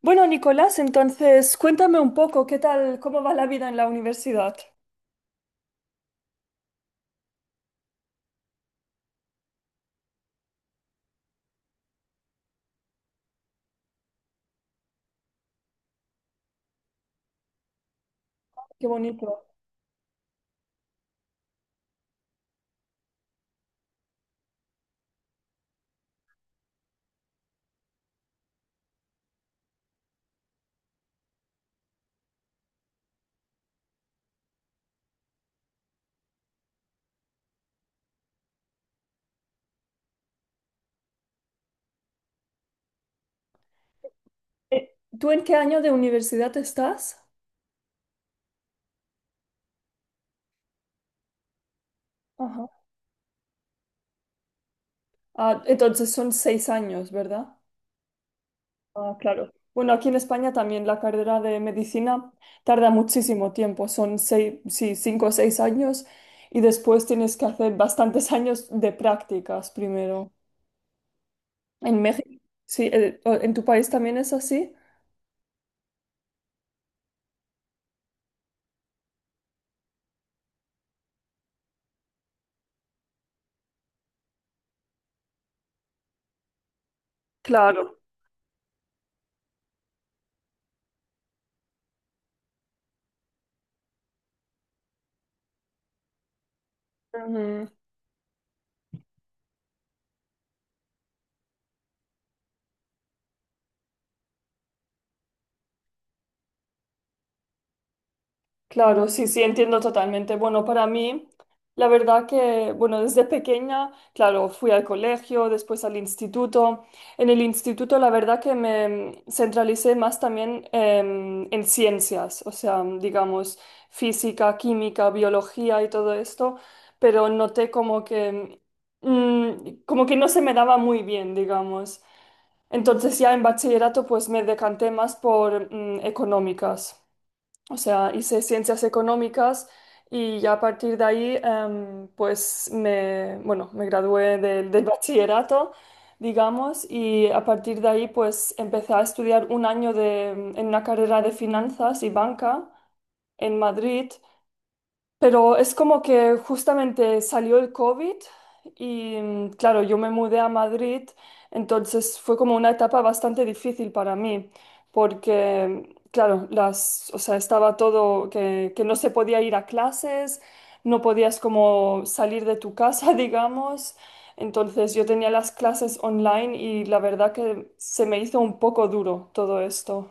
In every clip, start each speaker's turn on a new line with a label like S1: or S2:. S1: Bueno, Nicolás, entonces cuéntame un poco, ¿qué tal, cómo va la vida en la universidad? Qué bonito. ¿Tú en qué año de universidad estás? Ajá. Ah, entonces son 6 años, ¿verdad? Ah, claro. Bueno, aquí en España también la carrera de medicina tarda muchísimo tiempo, son seis, sí, 5 o 6 años y después tienes que hacer bastantes años de prácticas primero. En México, sí, ¿en tu país también es así? Claro. Ujú. Claro, sí, sí, entiendo totalmente. Bueno, para mí, la verdad que, bueno, desde pequeña, claro, fui al colegio, después al instituto. En el instituto, la verdad que me centralicé más también en ciencias, o sea, digamos, física, química, biología y todo esto, pero noté como que, mm, como que no se me daba muy bien, digamos. Entonces ya en bachillerato, pues me decanté más por económicas. O sea, hice ciencias económicas y ya a partir de ahí, pues me, bueno, me gradué del bachillerato, digamos, y a partir de ahí, pues empecé a estudiar un año de, en una carrera de finanzas y banca en Madrid, pero es como que justamente salió el COVID y claro, yo me mudé a Madrid, entonces fue como una etapa bastante difícil para mí, porque claro, las, o sea, estaba todo que, no se podía ir a clases, no podías como salir de tu casa, digamos. Entonces yo tenía las clases online y la verdad que se me hizo un poco duro todo esto.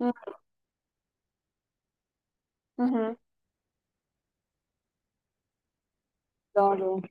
S1: Mm, ujú, claro.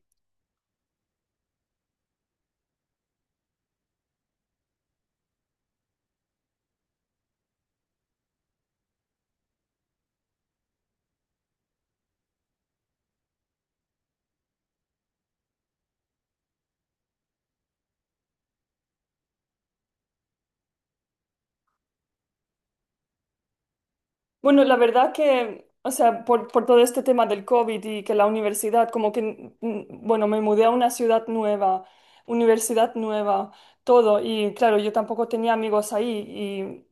S1: Bueno, la verdad que, o sea, por, todo este tema del COVID y que la universidad, como que, bueno, me mudé a una ciudad nueva, universidad nueva, todo, y claro, yo tampoco tenía amigos ahí,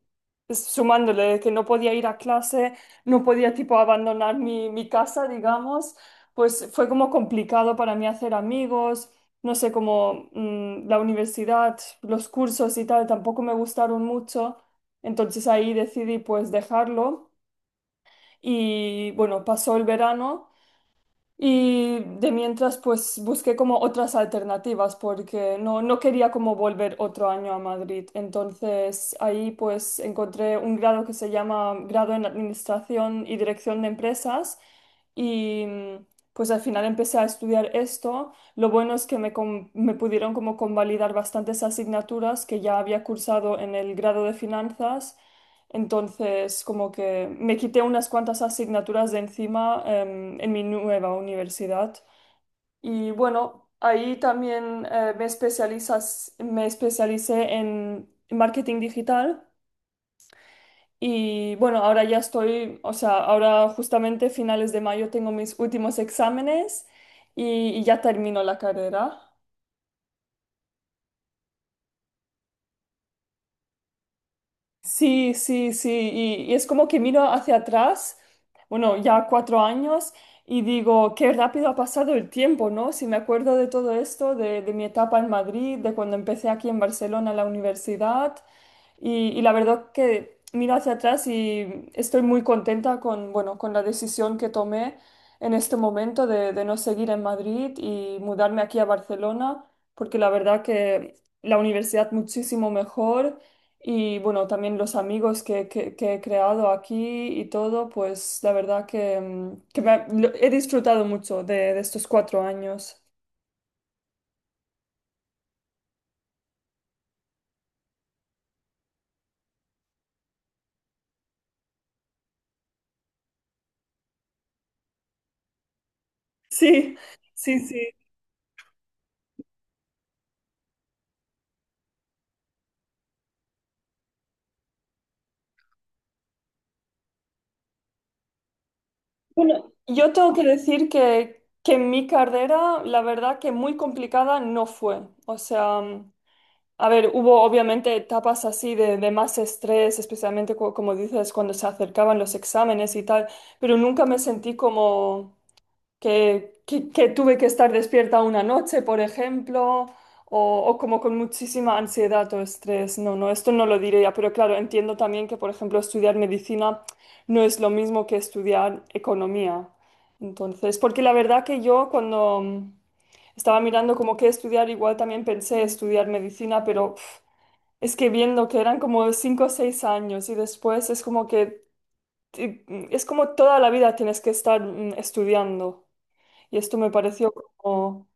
S1: y sumándole que no podía ir a clase, no podía tipo abandonar mi casa, digamos, pues fue como complicado para mí hacer amigos, no sé, como la universidad, los cursos y tal, tampoco me gustaron mucho, entonces ahí decidí pues dejarlo. Y bueno, pasó el verano y de mientras pues busqué como otras alternativas porque no, no quería como volver otro año a Madrid. Entonces ahí pues encontré un grado que se llama grado en Administración y Dirección de Empresas y pues al final empecé a estudiar esto. Lo bueno es que me pudieron como convalidar bastantes asignaturas que ya había cursado en el grado de Finanzas. Entonces, como que me quité unas cuantas asignaturas de encima en mi nueva universidad. Y bueno, ahí también me especialicé en marketing digital. Y bueno, ahora ya estoy, o sea, ahora justamente finales de mayo tengo mis últimos exámenes y ya termino la carrera. Sí, sí, sí, y es como que miro hacia atrás, bueno, ya 4 años, y digo, qué rápido ha pasado el tiempo, ¿no? Si me acuerdo de todo esto, de mi etapa en Madrid, de cuando empecé aquí en Barcelona la universidad, y la verdad que miro hacia atrás y estoy muy contenta con, bueno, con la decisión que tomé en este momento de no seguir en Madrid y mudarme aquí a Barcelona, porque la verdad que la universidad muchísimo mejor y bueno, también los amigos que, que he creado aquí y todo, pues la verdad que, que he disfrutado mucho de estos 4 años. Sí, sí, sí. Bueno, yo tengo que decir que mi carrera, la verdad que muy complicada no fue. O sea, a ver, hubo obviamente etapas así de más estrés, especialmente como dices, cuando se acercaban los exámenes y tal, pero nunca me sentí como que, que tuve que estar despierta una noche, por ejemplo, o como con muchísima ansiedad o estrés. No, no, esto no lo diría, pero claro, entiendo también que, por ejemplo, estudiar medicina no es lo mismo que estudiar economía. Entonces, porque la verdad que yo cuando estaba mirando como que estudiar, igual también pensé estudiar medicina, pero uf, es que viendo que eran como 5 o 6 años y después es como que. te- Es como toda la vida tienes que estar estudiando. Y esto me pareció como.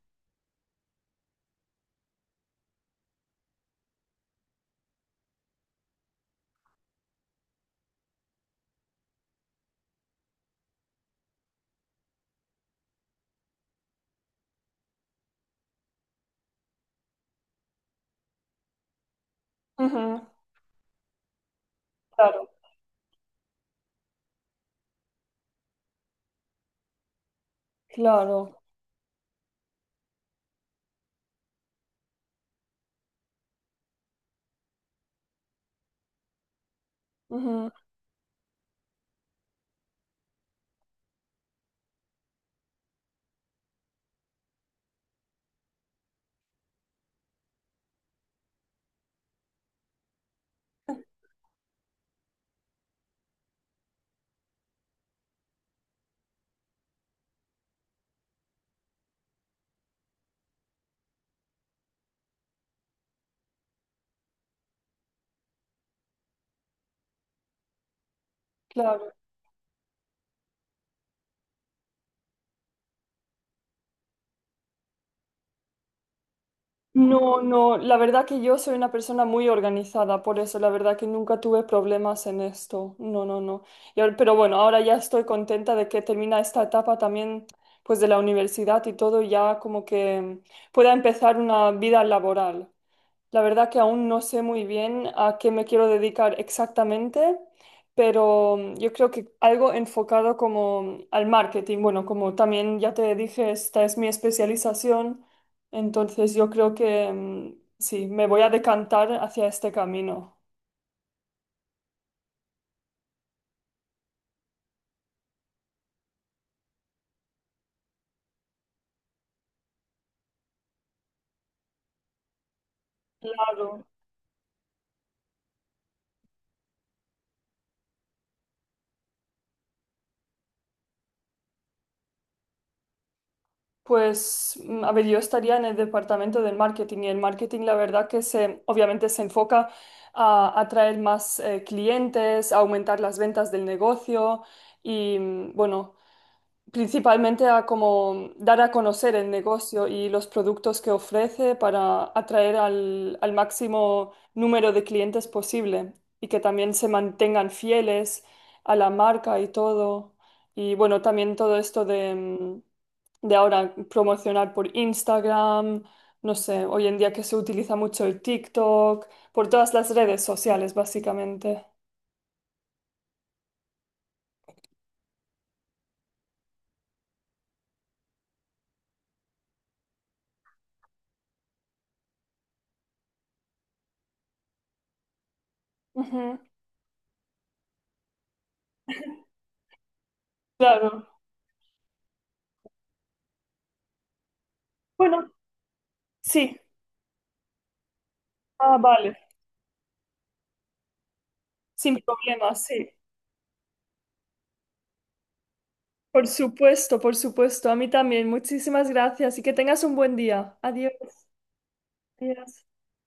S1: Ujú, claro, claro, ujú, claro. No, no, la verdad que yo soy una persona muy organizada, por eso la verdad que nunca tuve problemas en esto. No, no, no. Pero bueno, ahora ya estoy contenta de que termina esta etapa también, pues de la universidad y todo, y ya como que pueda empezar una vida laboral. La verdad que aún no sé muy bien a qué me quiero dedicar exactamente, pero yo creo que algo enfocado como al marketing. Bueno, como también ya te dije, esta es mi especialización, entonces yo creo que sí, me voy a decantar hacia este camino. Claro. Pues, a ver, yo estaría en el departamento del marketing y el marketing, la verdad que se, obviamente se enfoca a atraer más clientes, a aumentar las ventas del negocio y, bueno, principalmente a como dar a conocer el negocio y los productos que ofrece para atraer al máximo número de clientes posible y que también se mantengan fieles a la marca y todo. Y bueno, también todo esto de de ahora promocionar por Instagram, no sé, hoy en día que se utiliza mucho el TikTok, por todas las redes sociales, básicamente. Ujú, claro. Bueno, sí. Ah, vale. Sin problema, sí. Por supuesto, por supuesto. A mí también. Muchísimas gracias y que tengas un buen día. Adiós. Adiós.